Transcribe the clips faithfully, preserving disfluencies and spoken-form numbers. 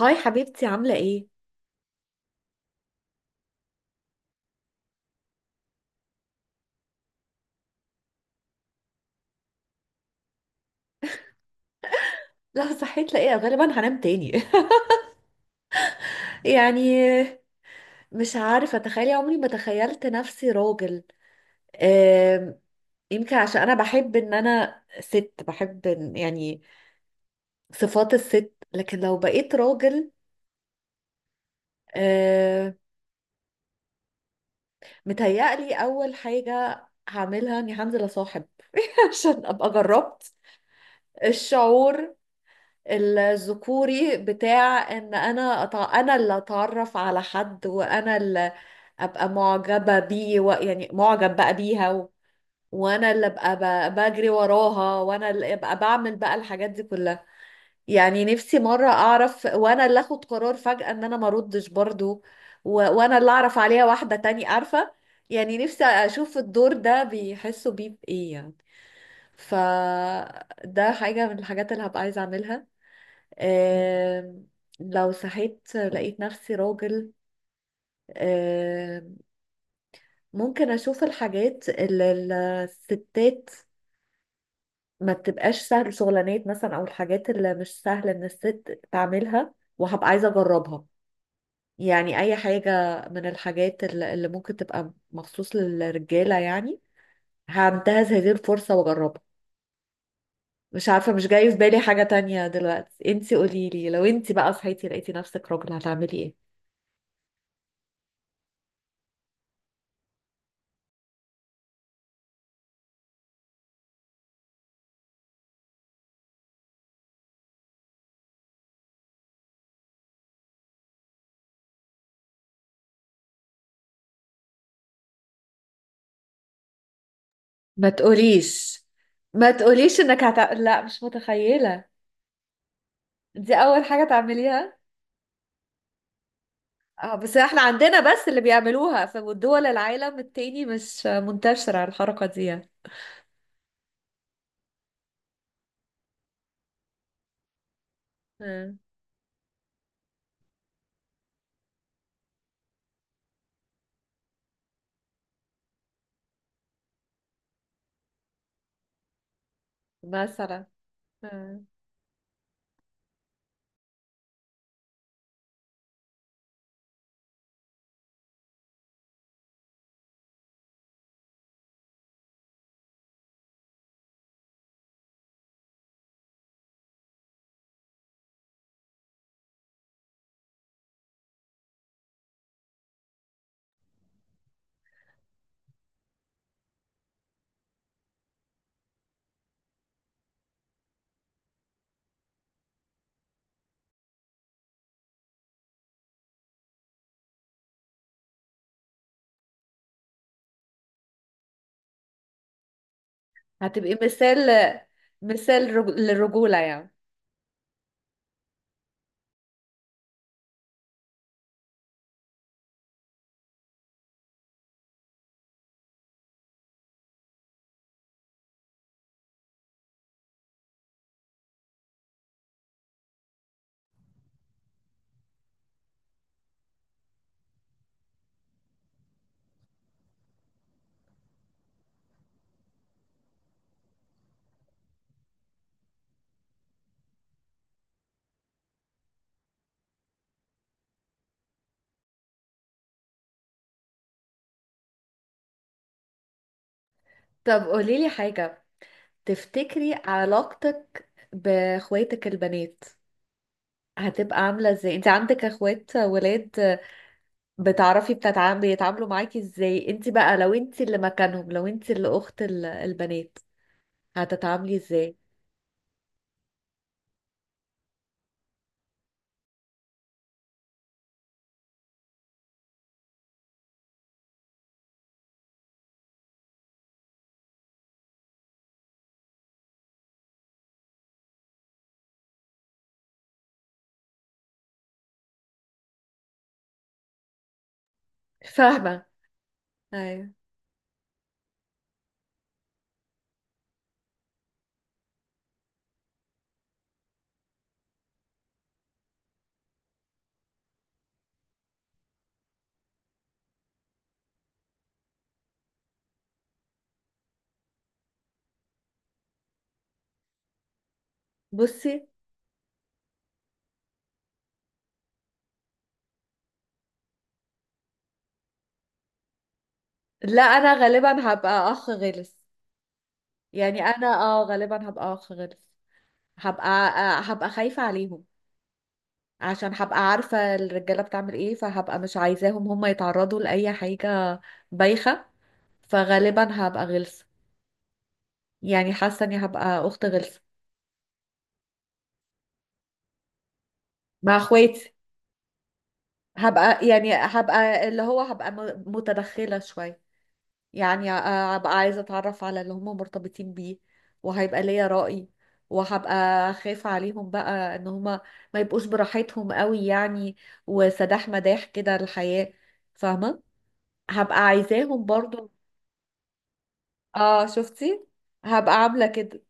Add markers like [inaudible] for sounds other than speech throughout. هاي حبيبتي، عاملة ايه؟ لا، صحيت لاقيه غالبا هنام تاني. [laughs] يعني، مش عارفة اتخيل، عمري ما تخيلت نفسي راجل. آم، يمكن عشان انا بحب ان انا ست، بحب إن- يعني صفات الست، لكن لو بقيت راجل، آم، متهيألي اول حاجة هعملها اني هنزل اصاحب [laughs] عشان ابقى جربت الشعور الذكوري بتاع ان انا أتع... انا اللي اتعرف على حد، وانا اللي ابقى معجبة بيه و... يعني معجب بقى بيها و... وانا اللي ابقى ب... بجري وراها، وانا اللي ابقى بعمل بقى الحاجات دي كلها. يعني نفسي مرة اعرف، وانا اللي اخد قرار فجأة ان انا ما اردش برضو، و... وانا اللي اعرف عليها واحدة تاني، عارفة؟ يعني نفسي اشوف الدور ده بيحسوا بيه بايه يعني. فده حاجة من الحاجات اللي هبقى عايزة اعملها. آم، لو صحيت لقيت نفسي راجل، آم، ممكن اشوف الحاجات اللي الستات ما بتبقاش سهل، شغلانات مثلا او الحاجات اللي مش سهل ان الست تعملها، وهبقى عايزة اجربها. يعني اي حاجة من الحاجات اللي اللي ممكن تبقى مخصوص للرجالة، يعني هنتهز هذه الفرصة واجربها. مش عارفة، مش جاي في بالي حاجة تانية دلوقتي. انتي قوليلي، لو انتي بقى صحيتي لقيتي نفسك راجل هتعملي ايه؟ ما تقوليش، ما تقوليش انك هت... لا، مش متخيلة دي اول حاجة تعمليها. اه بس احنا عندنا بس اللي بيعملوها، في دول العالم التاني مش منتشرة الحركة دي. آه، مثلا. آه. هتبقي مثال، مثال رج... للرجولة يعني. طب قوليلي حاجة، تفتكري علاقتك باخواتك البنات هتبقى عاملة ازاي؟ انت عندك اخوات ولاد، بتعرفي بتتع- بيتعاملوا معاكي ازاي. انت بقى لو انت اللي مكانهم، لو انت اللي اخت ال- البنات، هتتعاملي ازاي؟ فاهمة. ايوه. بصي، لا انا غالبا هبقى اخ غلس. يعني انا، اه غالبا هبقى اخ غلس. هبقى آه، هبقى خايفة عليهم، عشان هبقى عارفة الرجالة بتعمل ايه، فهبقى مش عايزاهم هم يتعرضوا لأي حاجة بايخة. فغالبا هبقى غلسة، يعني حاسة اني هبقى اخت غلسة مع اخواتي. هبقى يعني هبقى اللي هو هبقى م- متدخلة شوية، يعني ه- هبقى عايزة أتعرف على اللي هم مرتبطين بيه، وهيبقى ليا رأي، وهبقى خايفة عليهم بقى إن هم ما يبقوش براحتهم قوي يعني، وسداح مداح كده الحياة، فاهمة؟ هبقى عايزاهم برضو. اه، شفتي؟ هبقى عاملة كده.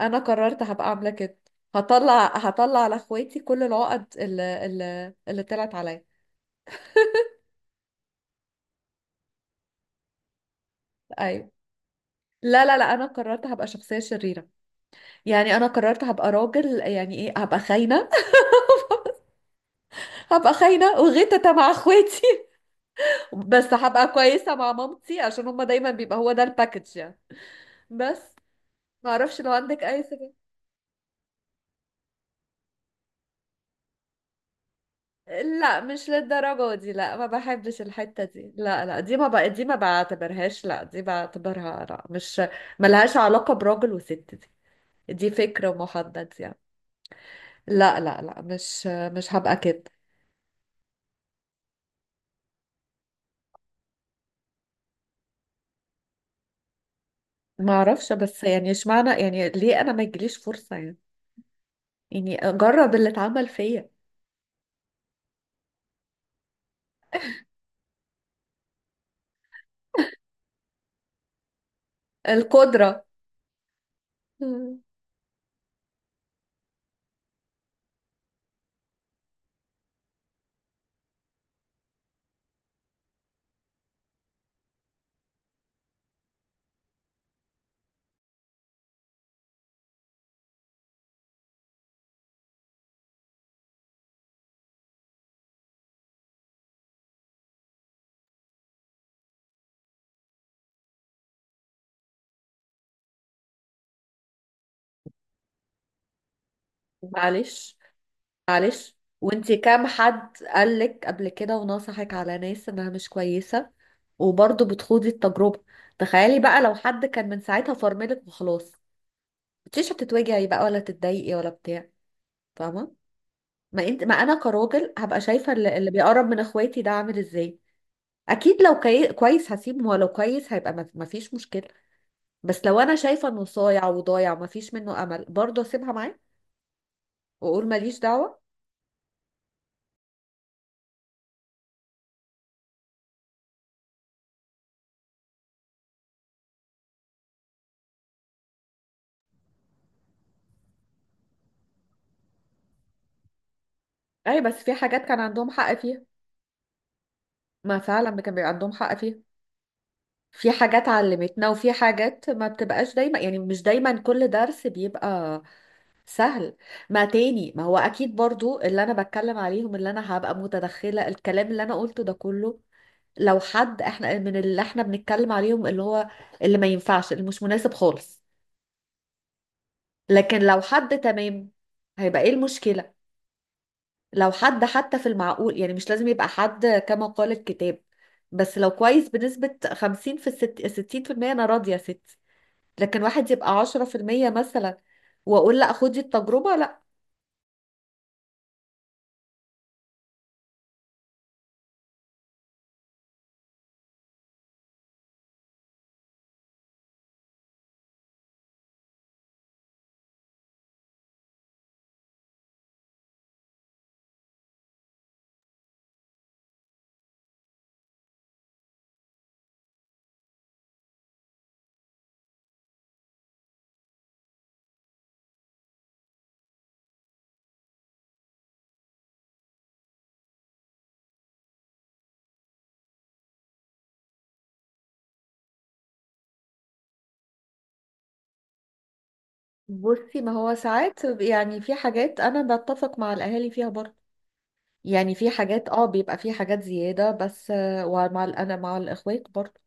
أنا قررت هبقى عاملة كده، هطلع هطلع على اخواتي كل العقد اللي اللي, اللي طلعت عليا. ايوه. لا لا لا، انا قررت هبقى شخصيه شريره. يعني انا قررت هبقى راجل، يعني ايه، هبقى خاينه. [laughs] هبقى خاينه وغيتة مع اخواتي، بس هبقى كويسه مع مامتي، عشان هما دايما بيبقى هو ده الباكج يعني. بس ما اعرفش، لو عندك اي سبب. لا، مش للدرجه دي، لا، ما بحبش الحته دي، لا لا، دي ما بقى دي ما بعتبرهاش، لا دي بعتبرها لا، مش ملهاش علاقه براجل وست دي، دي فكره محدد يعني. لا لا لا، مش مش هبقى كده. ما اعرفش، بس يعني اشمعنى، يعني ليه انا ما يجيليش فرصه يعني. يعني جرب اللي اتعمل فيا. القدرة. مم. معلش، معلش، وانتي كام حد قالك قبل كده ونصحك على ناس انها مش كويسة، وبرضه بتخوضي التجربة؟ تخيلي بقى، لو حد كان من ساعتها فرملك وخلاص، مش هتتوجعي بقى ولا تتضايقي ولا بتاع، فاهمة؟ ما انت ما انا كراجل هبقى شايفة اللي, اللي بيقرب من اخواتي ده عامل ازاي. اكيد لو كي... كويس هسيبه، ولو كويس هيبقى ما ما فيش مشكلة. بس لو انا شايفة انه صايع وضايع وما فيش منه امل، برضه اسيبها معاه وأقول ماليش دعوة. أي، بس في حاجات كان عندهم حق فيها. ما فعلا كان بيبقى عندهم حق فيها. في حاجات علمتنا، وفي حاجات ما بتبقاش دايما، يعني مش دايما كل درس بيبقى سهل. ما تاني، ما هو أكيد برضو اللي أنا بتكلم عليهم، اللي أنا هبقى متدخلة، الكلام اللي أنا قلته ده كله لو حد احنا من اللي احنا بنتكلم عليهم، اللي هو اللي ما ينفعش، اللي مش مناسب خالص. لكن لو حد تمام هيبقى ايه المشكلة؟ لو حد حتى في المعقول، يعني مش لازم يبقى حد كما قال الكتاب، بس لو كويس بنسبة خمسين في الست، ستين في المية، أنا راضية يا ستي. لكن واحد يبقى عشرة في المية مثلا، وأقول لأ خدي التجربة؟ لأ. بصي، ما هو ساعات يعني في حاجات أنا بتفق مع الأهالي فيها برضه. يعني في حاجات اه بيبقى في حاجات زيادة بس، آه، ومع ال- أنا مع الإخوات برضه،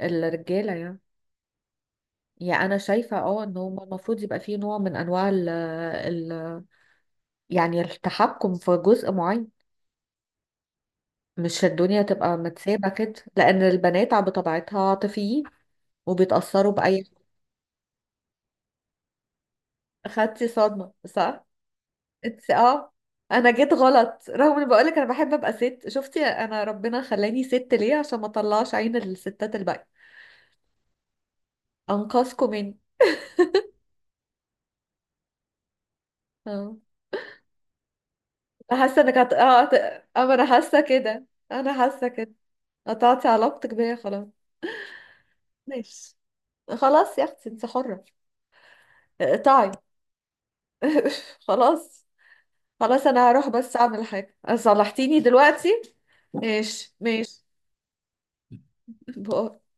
الرجالة يعني. يعني أنا شايفة، اه إن هو المفروض يبقى فيه نوع من أنواع ال ال يعني التحكم في جزء معين، مش الدنيا تبقى متسابة كده، لأن البنات ع- بطبيعتها عاطفيين، وبيتأثروا بأي حاجة. خدتي صدمة صح؟ انت اه. انا جيت غلط، رغم اني بقولك انا بحب ابقى ست. شفتي انا ربنا خلاني ست ليه؟ عشان ما اطلعش عين الستات الباقية، انقذكم مني. اه، حاسه انك هت... اه هت... آه، اما انا حاسه كده، انا حاسه كده، قطعتي علاقتك بيا خلاص. ماشي، خلاص يا اختي انت حرة، اقطعي. [laughs] خلاص، خلاص. انا هروح بس اعمل حاجة، صلحتيني دلوقتي. ماشي، ماشي. [laughs]